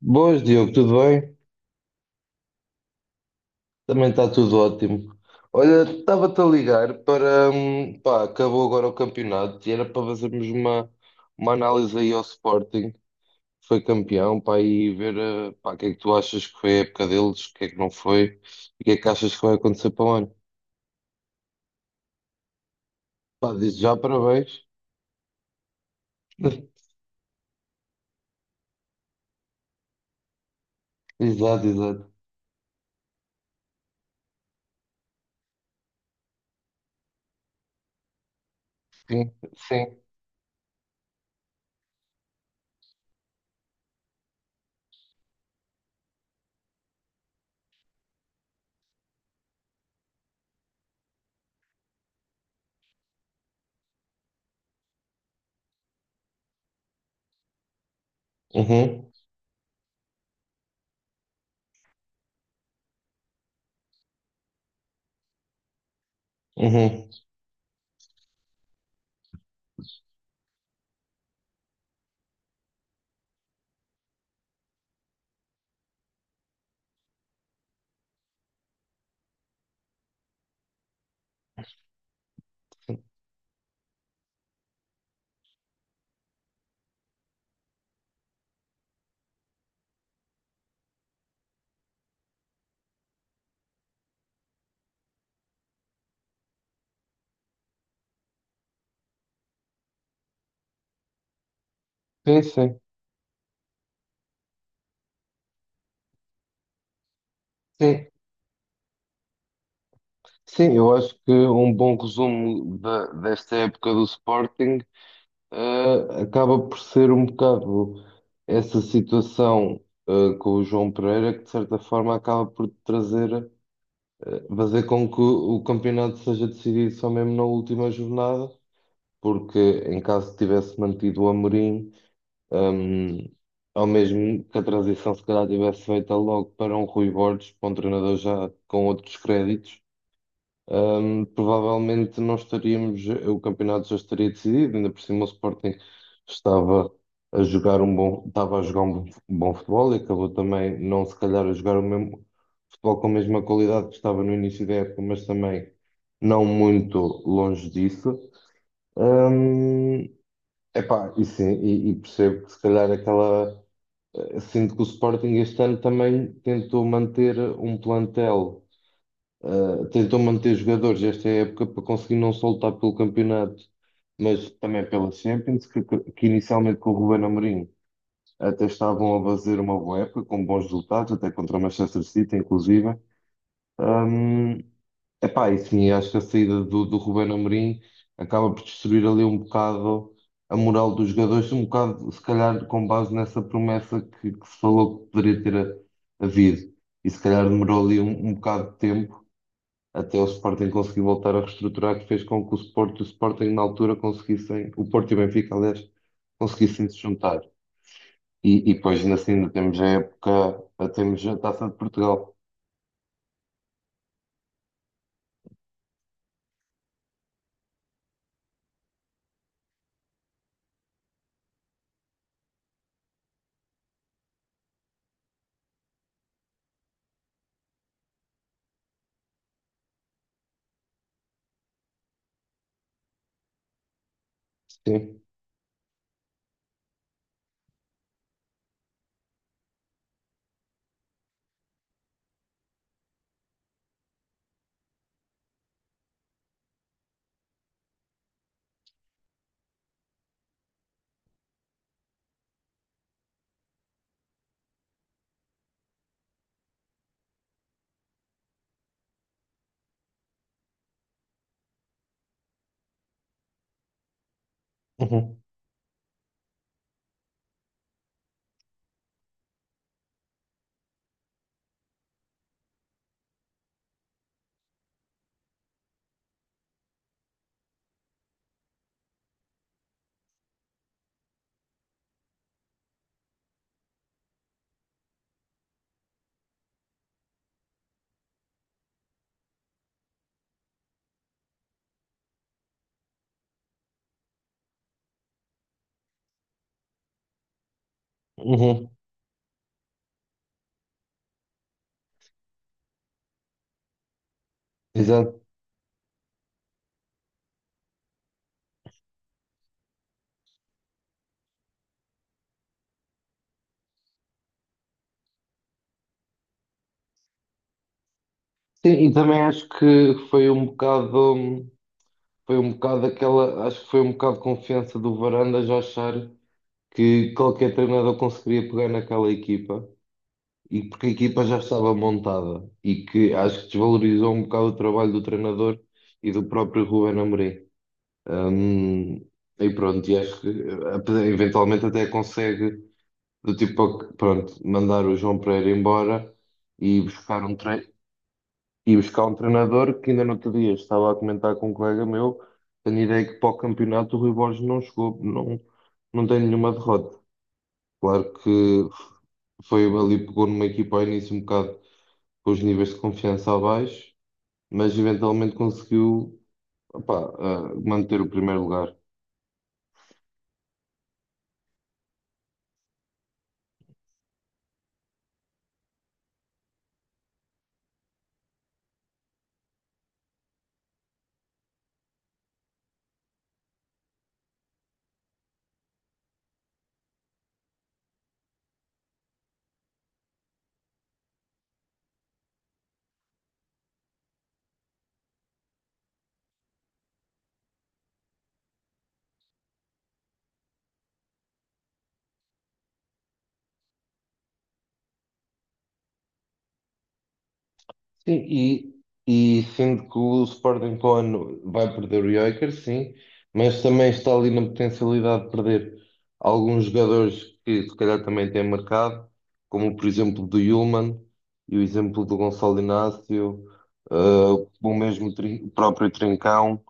Boas, Diogo, tudo bem? Também está tudo ótimo. Olha, estava-te a ligar para. Pá, acabou agora o campeonato e era para fazermos uma análise aí ao Sporting, que foi campeão, pá, e ver pá, o que é que tu achas que foi a época deles, o que é que não foi e o que é que achas que vai acontecer para o ano. Pá, diz já parabéns. Exato, exato. Sim, sim. Uhum, uhum. Sim, sim, sim. Sim, eu acho que um bom resumo desta época do Sporting. Acaba por ser um bocado essa situação, com o João Pereira que, de certa forma, acaba por fazer com que o campeonato seja decidido só mesmo na última jornada, porque em caso tivesse mantido o Amorim, um, ou mesmo que a transição se calhar tivesse feita logo para um Rui Borges, para um treinador já com outros créditos. Provavelmente não estaríamos, o campeonato já estaria decidido, ainda por cima o Sporting estava a jogar um bom, estava a jogar um bom futebol e acabou também não se calhar a jogar o mesmo futebol com a mesma qualidade que estava no início da época, mas também não muito longe disso. Hum, Epá, e sim, e percebo que se calhar aquela. Sinto que o Sporting este ano também tentou manter um plantel. Tentou manter jogadores esta época para conseguir não só lutar pelo campeonato, mas também pela Champions, que inicialmente com o Ruben Amorim até estavam a fazer uma boa época, com bons resultados, até contra o Manchester City, inclusive. Um, Epá, e sim, acho que a saída do Ruben Amorim acaba por destruir ali um bocado a moral dos jogadores, um bocado, se calhar, com base nessa promessa que se falou que poderia ter havido. E se calhar demorou ali um bocado de tempo até o Sporting conseguir voltar a reestruturar, que fez com que o Sport e o Sporting na altura conseguissem, o Porto e o Benfica, aliás, conseguissem se juntar. E depois ainda assim ainda temos a época, temos a Taça de Portugal. Sim. Uhum. Uhum. Exato. Sim, e também acho que foi um bocado aquela, acho que foi um bocado de confiança do Varandas a achar que qualquer treinador conseguiria pegar naquela equipa e porque a equipa já estava montada e que acho que desvalorizou um bocado o trabalho do treinador e do próprio Ruben Amorim. Hum, e pronto, e acho que eventualmente até consegue do tipo, pronto, mandar o João Pereira embora e buscar um tre e buscar um treinador que ainda no outro dia estava a comentar com um colega meu, tenho ideia que para o campeonato o Rui Borges não chegou, não, não tem nenhuma derrota. Claro que foi ali, pegou numa equipa ao início um bocado com os níveis de confiança abaixo, mas eventualmente conseguiu opá, manter o primeiro lugar. Sim, e sendo que o Sporting para o ano vai perder o Joker, sim, mas também está ali na potencialidade de perder alguns jogadores que se calhar também têm marcado, como por exemplo do Yulman e o exemplo do Gonçalo Inácio, ah, o mesmo o próprio Trincão.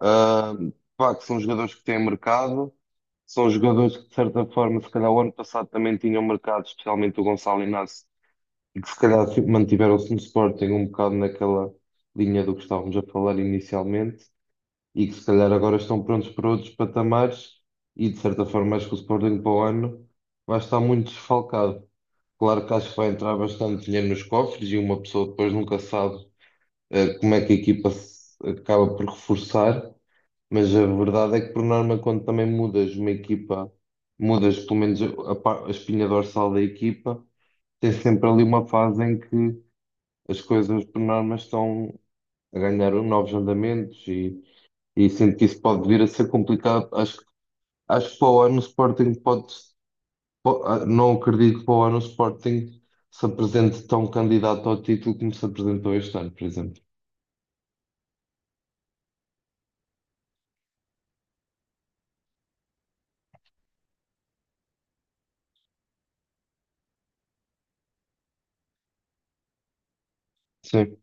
Ah, Pá, que são jogadores que têm mercado, são jogadores que, de certa forma, se calhar o ano passado também tinham mercado, especialmente o Gonçalo Inácio, e que se calhar mantiveram-se no Sporting um bocado naquela linha do que estávamos a falar inicialmente, e que se calhar agora estão prontos para outros patamares, e de certa forma acho que o Sporting para o ano vai estar muito desfalcado. Claro que acho que vai entrar bastante dinheiro nos cofres, e uma pessoa depois nunca sabe, como é que a equipa se acaba por reforçar. Mas a verdade é que, por norma, quando também mudas uma equipa, mudas pelo menos a espinha dorsal da equipa, tens sempre ali uma fase em que as coisas, por norma, estão a ganhar novos andamentos e sinto que isso pode vir a ser complicado. Acho que para o ano o Sporting pode, não acredito que para o ano o Sporting se apresente tão candidato ao título como se apresentou este ano, por exemplo. Sim.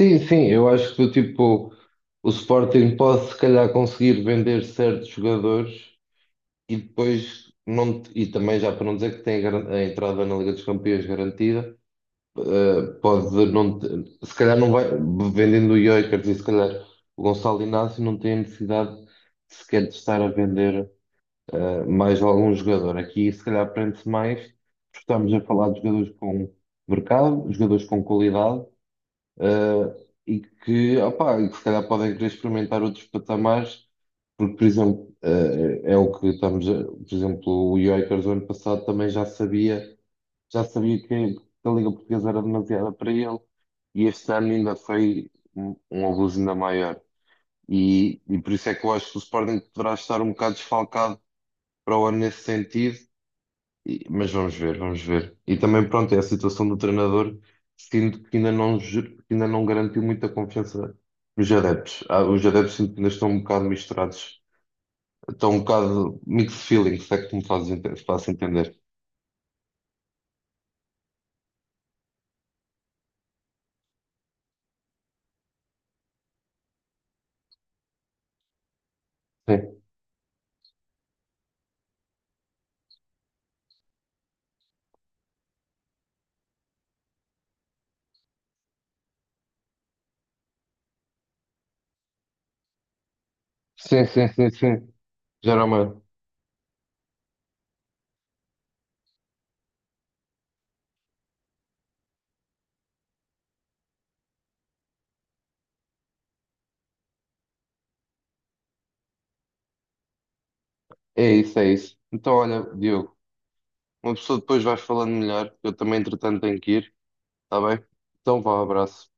Sim, sim, eu acho que tipo, o Sporting pode se calhar conseguir vender certos jogadores e depois não, te- e também já para não dizer que tem a entrada na Liga dos Campeões garantida, pode se calhar não vai vendendo o Gyökeres e se calhar o Gonçalo Inácio não tem a necessidade sequer de estar a vender mais algum jogador. Aqui se calhar prende-se mais, porque estamos a falar de jogadores com mercado, jogadores com qualidade, e que, opá, e que se calhar podem querer experimentar outros patamares, porque, por exemplo, é o que por exemplo, o Jokers do ano passado também já sabia que a Liga Portuguesa era demasiada para ele, e este ano ainda foi um abuso ainda maior. E por isso é que eu acho que o Sporting poderá estar um bocado desfalcado para o ano nesse sentido mas vamos ver, vamos ver. E também, pronto, é a situação do treinador, sinto que ainda não, ju- que ainda não garantiu muita confiança nos adeptos. Os adeptos sinto que ainda estão um bocado misturados, estão um bocado mixed feelings, se é que tu me faço entender. Sim, sim, sim, sim, sim. Geralmente, é isso, é isso. Então, olha, Diogo, uma pessoa depois vais falando melhor, eu também, entretanto, tenho que ir, está bem? Então, vá, abraço.